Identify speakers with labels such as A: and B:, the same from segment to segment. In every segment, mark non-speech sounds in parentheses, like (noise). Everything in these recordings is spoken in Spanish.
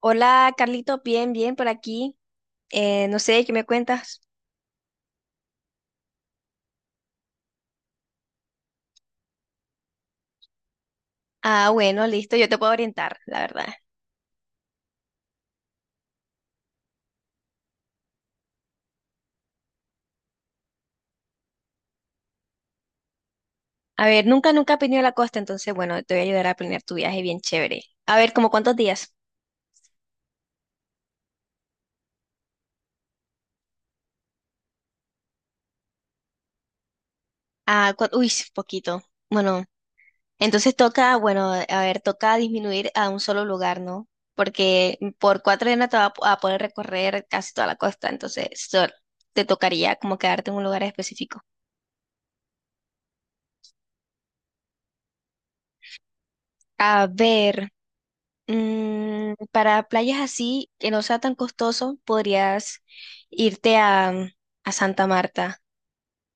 A: Hola, Carlito, bien, bien por aquí. No sé, ¿qué me cuentas? Ah, bueno, listo, yo te puedo orientar, la verdad. A ver, nunca, nunca he venido a la costa, entonces, bueno, te voy a ayudar a planear tu viaje bien chévere. A ver, ¿como cuántos días? Ah, uy, poquito. Bueno, entonces toca, bueno, a ver, toca disminuir a un solo lugar, ¿no? Porque por 4 días no te vas a poder recorrer casi toda la costa, entonces te tocaría como quedarte en un lugar específico. A ver. Para playas así, que no sea tan costoso, podrías irte a Santa Marta.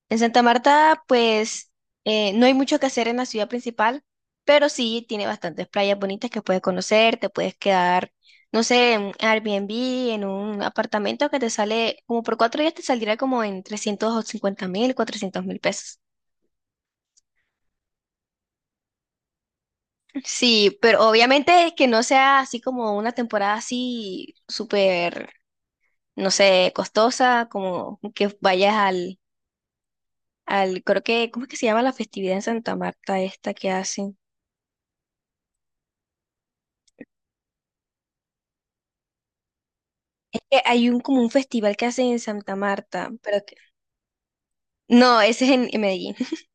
A: En Santa Marta, pues, no hay mucho que hacer en la ciudad principal, pero sí tiene bastantes playas bonitas que puedes conocer, te puedes quedar, no sé, en Airbnb, en un apartamento que te sale, como por 4 días te saldría como en 350.000, 400.000 pesos. Sí, pero obviamente que no sea así como una temporada así súper, no sé, costosa, como que vayas al, creo que, ¿cómo es que se llama la festividad en Santa Marta esta que hacen? Es que hay un, como un festival que hacen en Santa Marta, pero que, no, ese es en Medellín. (laughs)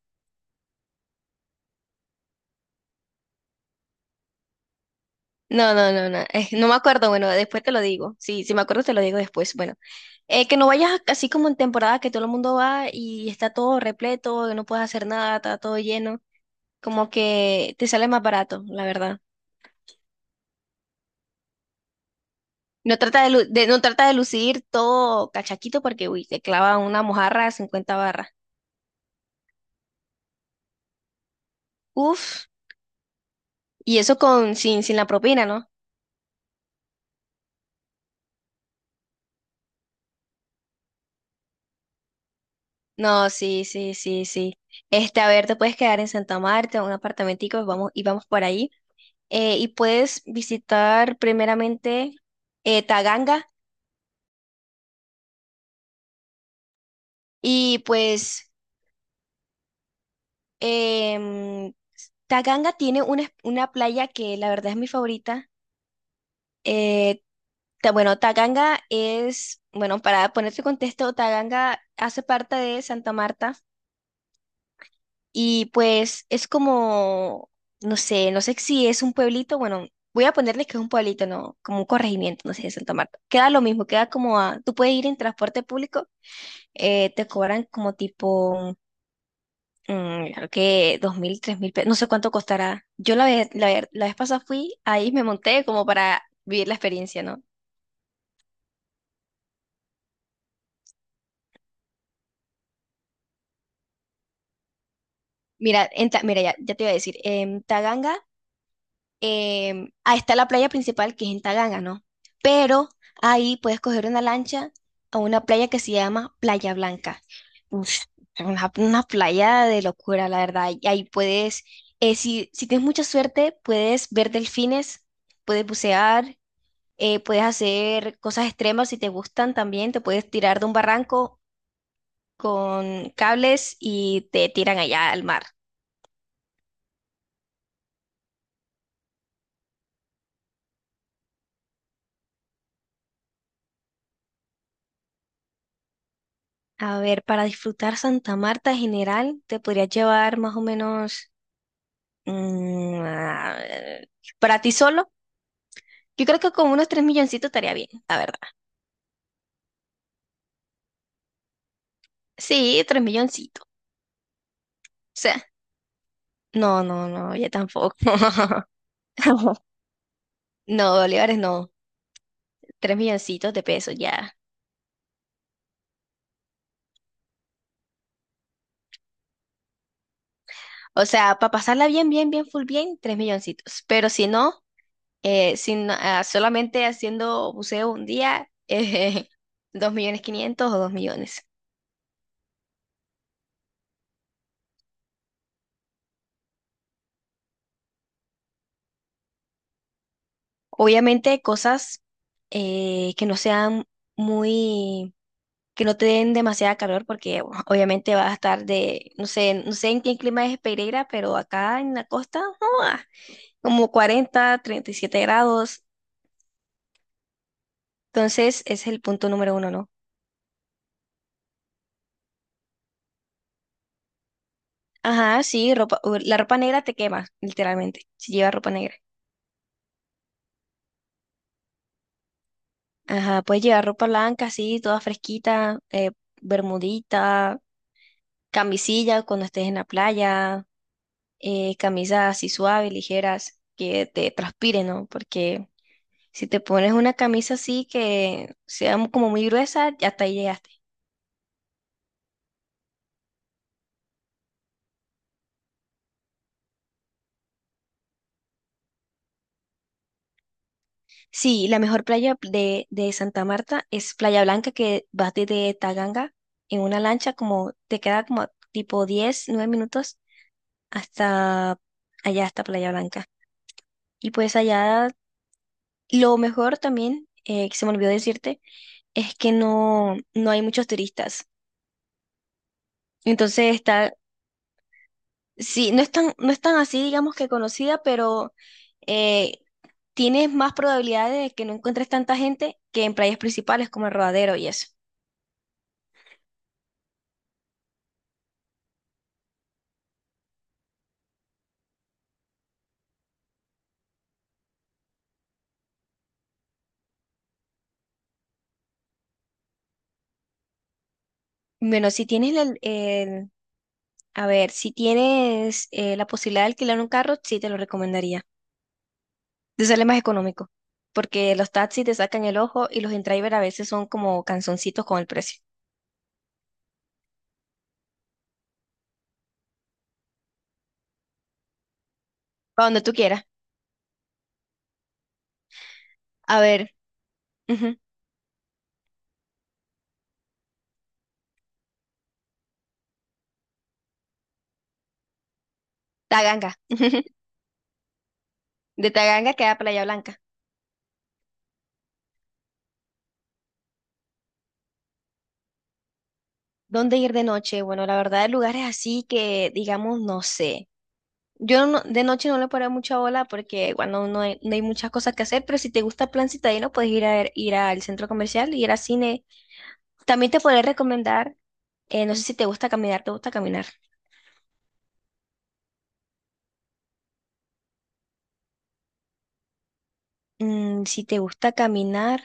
A: No, no, no, no, no me acuerdo, bueno, después te lo digo, sí, si me acuerdo te lo digo después, bueno. Que no vayas así como en temporada que todo el mundo va y está todo repleto, no puedes hacer nada, está todo lleno, como que te sale más barato, la verdad. No trata de, lu- de- no trata de lucir todo cachaquito porque, uy, te clava una mojarra de 50 barras. Uf, y eso con, sin la propina, ¿no? No, sí, sí, sí, sí. Este, a ver, te puedes quedar en Santa Marta, en un apartamentico, vamos, y vamos por ahí. Y puedes visitar primeramente, Taganga. Y pues, em, Taganga tiene una playa que la verdad es mi favorita. Eh, bueno, Taganga es, bueno, para ponerte en contexto, Taganga hace parte de Santa Marta y pues es como, no sé, no sé si es un pueblito, bueno, voy a ponerle que es un pueblito, no, como un corregimiento, no sé, de Santa Marta. Queda lo mismo, queda como a, tú puedes ir en transporte público, te cobran como tipo, creo que 2.000, 3.000 pesos, no sé cuánto costará. Yo la vez pasada fui, ahí me monté como para vivir la experiencia, ¿no? Mira, ya te iba a decir, en Taganga, ahí está la playa principal que es en Taganga, ¿no? Pero ahí puedes coger una lancha a una playa que se llama Playa Blanca. Uf, una playa de locura, la verdad. Y ahí puedes, si tienes mucha suerte, puedes ver delfines, puedes bucear, puedes hacer cosas extremas si te gustan también, te puedes tirar de un barranco con cables y te tiran allá al mar. A ver, para disfrutar Santa Marta en general, te podrías llevar más o menos, a ver, para ti solo. Yo creo que con unos 3 milloncitos estaría bien, la verdad. Sí, 3 milloncitos. O sea, no, no, no, ya tampoco. (laughs) No, bolívares no. 3 milloncitos de pesos ya. O sea, para pasarla bien, bien, bien, full bien, 3 milloncitos. Pero si no, si solamente haciendo buceo un día, (laughs) 2 millones 500 o 2.000.000. Obviamente cosas, que no sean muy, que no te den demasiada calor porque (laughs) bueno, obviamente vas a estar de, no sé, no sé en qué clima es Pereira, pero acá en la costa, ¡ah!, como 40, 37 grados. Entonces, ese es el punto número uno, ¿no? Ajá, sí, ropa, la ropa negra te quema, literalmente, si llevas ropa negra. Ajá, puedes llevar ropa blanca, sí, toda fresquita, bermudita, camisilla cuando estés en la playa, camisas así suaves, ligeras, que te transpiren, ¿no? Porque si te pones una camisa así que sea como muy gruesa, ya hasta ahí llegaste. Sí, la mejor playa de Santa Marta es Playa Blanca, que vas desde Taganga en una lancha, como te queda como tipo 10, 9 minutos hasta allá, hasta Playa Blanca. Y pues allá lo mejor también, que se me olvidó decirte, es que no hay muchos turistas. Entonces está Sí, no es tan, no es tan así, digamos que conocida, pero eh, tienes más probabilidades de que no encuentres tanta gente que en playas principales como el Rodadero y eso. Bueno, si tienes el, a ver, si tienes, la posibilidad de alquilar un carro, sí te lo recomendaría. Te sale más económico, porque los taxis te sacan el ojo y los in-driver a veces son como canzoncitos con el precio. Para donde tú quieras. A ver, ujú, Taganga. (laughs) De Taganga queda Playa Blanca. ¿Dónde ir de noche? Bueno, la verdad, lugares así que, digamos, no sé. Yo no- De noche no le paro mucha bola porque, bueno, no hay muchas cosas que hacer, pero si te gusta el plan citadino, puedes ir ir al centro comercial, ir al cine. También te podré recomendar, no sé si te gusta caminar, ¿te gusta caminar? Si te gusta caminar,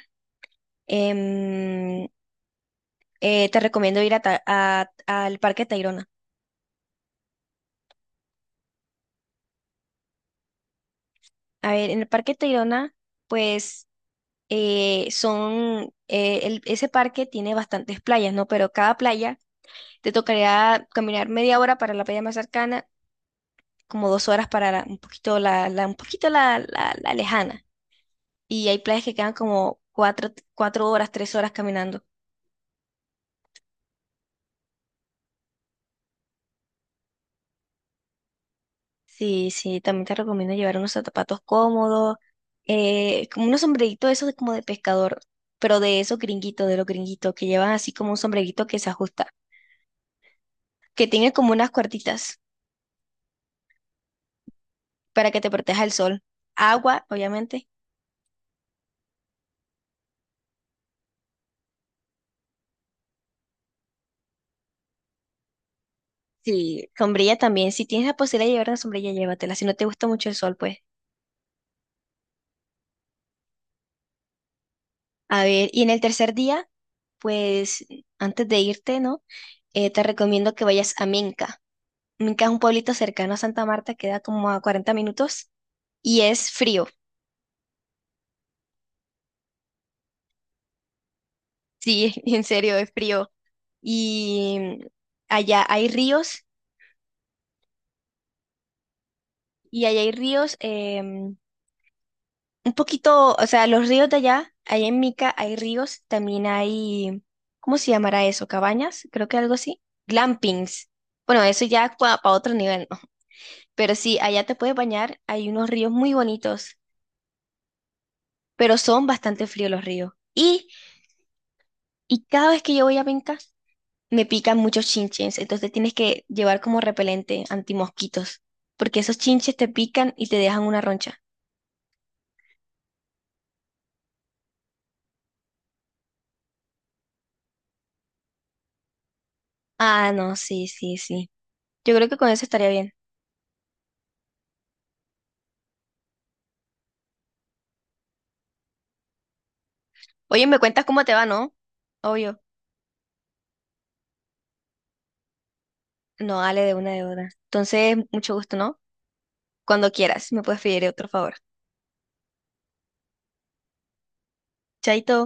A: em, te recomiendo ir al Parque Tayrona. A ver, en el Parque Tayrona, pues ese parque tiene bastantes playas, ¿no? Pero cada playa te tocaría caminar media hora para la playa más cercana, como 2 horas para un poquito la lejana. Y hay playas que quedan como 4, 4 horas, 3 horas caminando. Sí, sí, también te recomiendo llevar unos zapatos cómodos, como unos sombreritos de esos, como de pescador, pero de esos gringuitos, de los gringuitos, que llevan así como un sombrerito que se ajusta, que tiene como unas cuartitas, para que te proteja el sol. Agua, obviamente. Sí, sombrilla también. Si tienes la posibilidad de llevar una sombrilla, llévatela. Si no te gusta mucho el sol, pues. A ver, y en el tercer día, pues antes de irte, ¿no? Te recomiendo que vayas a Minca. Minca es un pueblito cercano a Santa Marta, queda como a 40 minutos y es frío. Sí, (laughs) en serio, es frío. Y allá hay ríos y allá hay ríos Un poquito, o sea, los ríos de allá, allá en Mica hay ríos, también hay, ¿cómo se llamará eso? ¿Cabañas? Creo que algo así. Glampings. Bueno, eso ya para otro nivel, ¿no? (laughs) Pero sí, allá te puedes bañar, hay unos ríos muy bonitos, pero son bastante fríos los ríos. Y cada vez que yo voy a Minca, me pican muchos chinches, entonces tienes que llevar como repelente antimosquitos, porque esos chinches te pican y te dejan una roncha. Ah, no, sí, sí, sí. Yo creo que con eso estaría bien. Oye, me cuentas cómo te va, ¿no? Obvio. No, dale de una de una. Entonces, mucho gusto, ¿no? Cuando quieras, me puedes pedir otro favor. Chaito.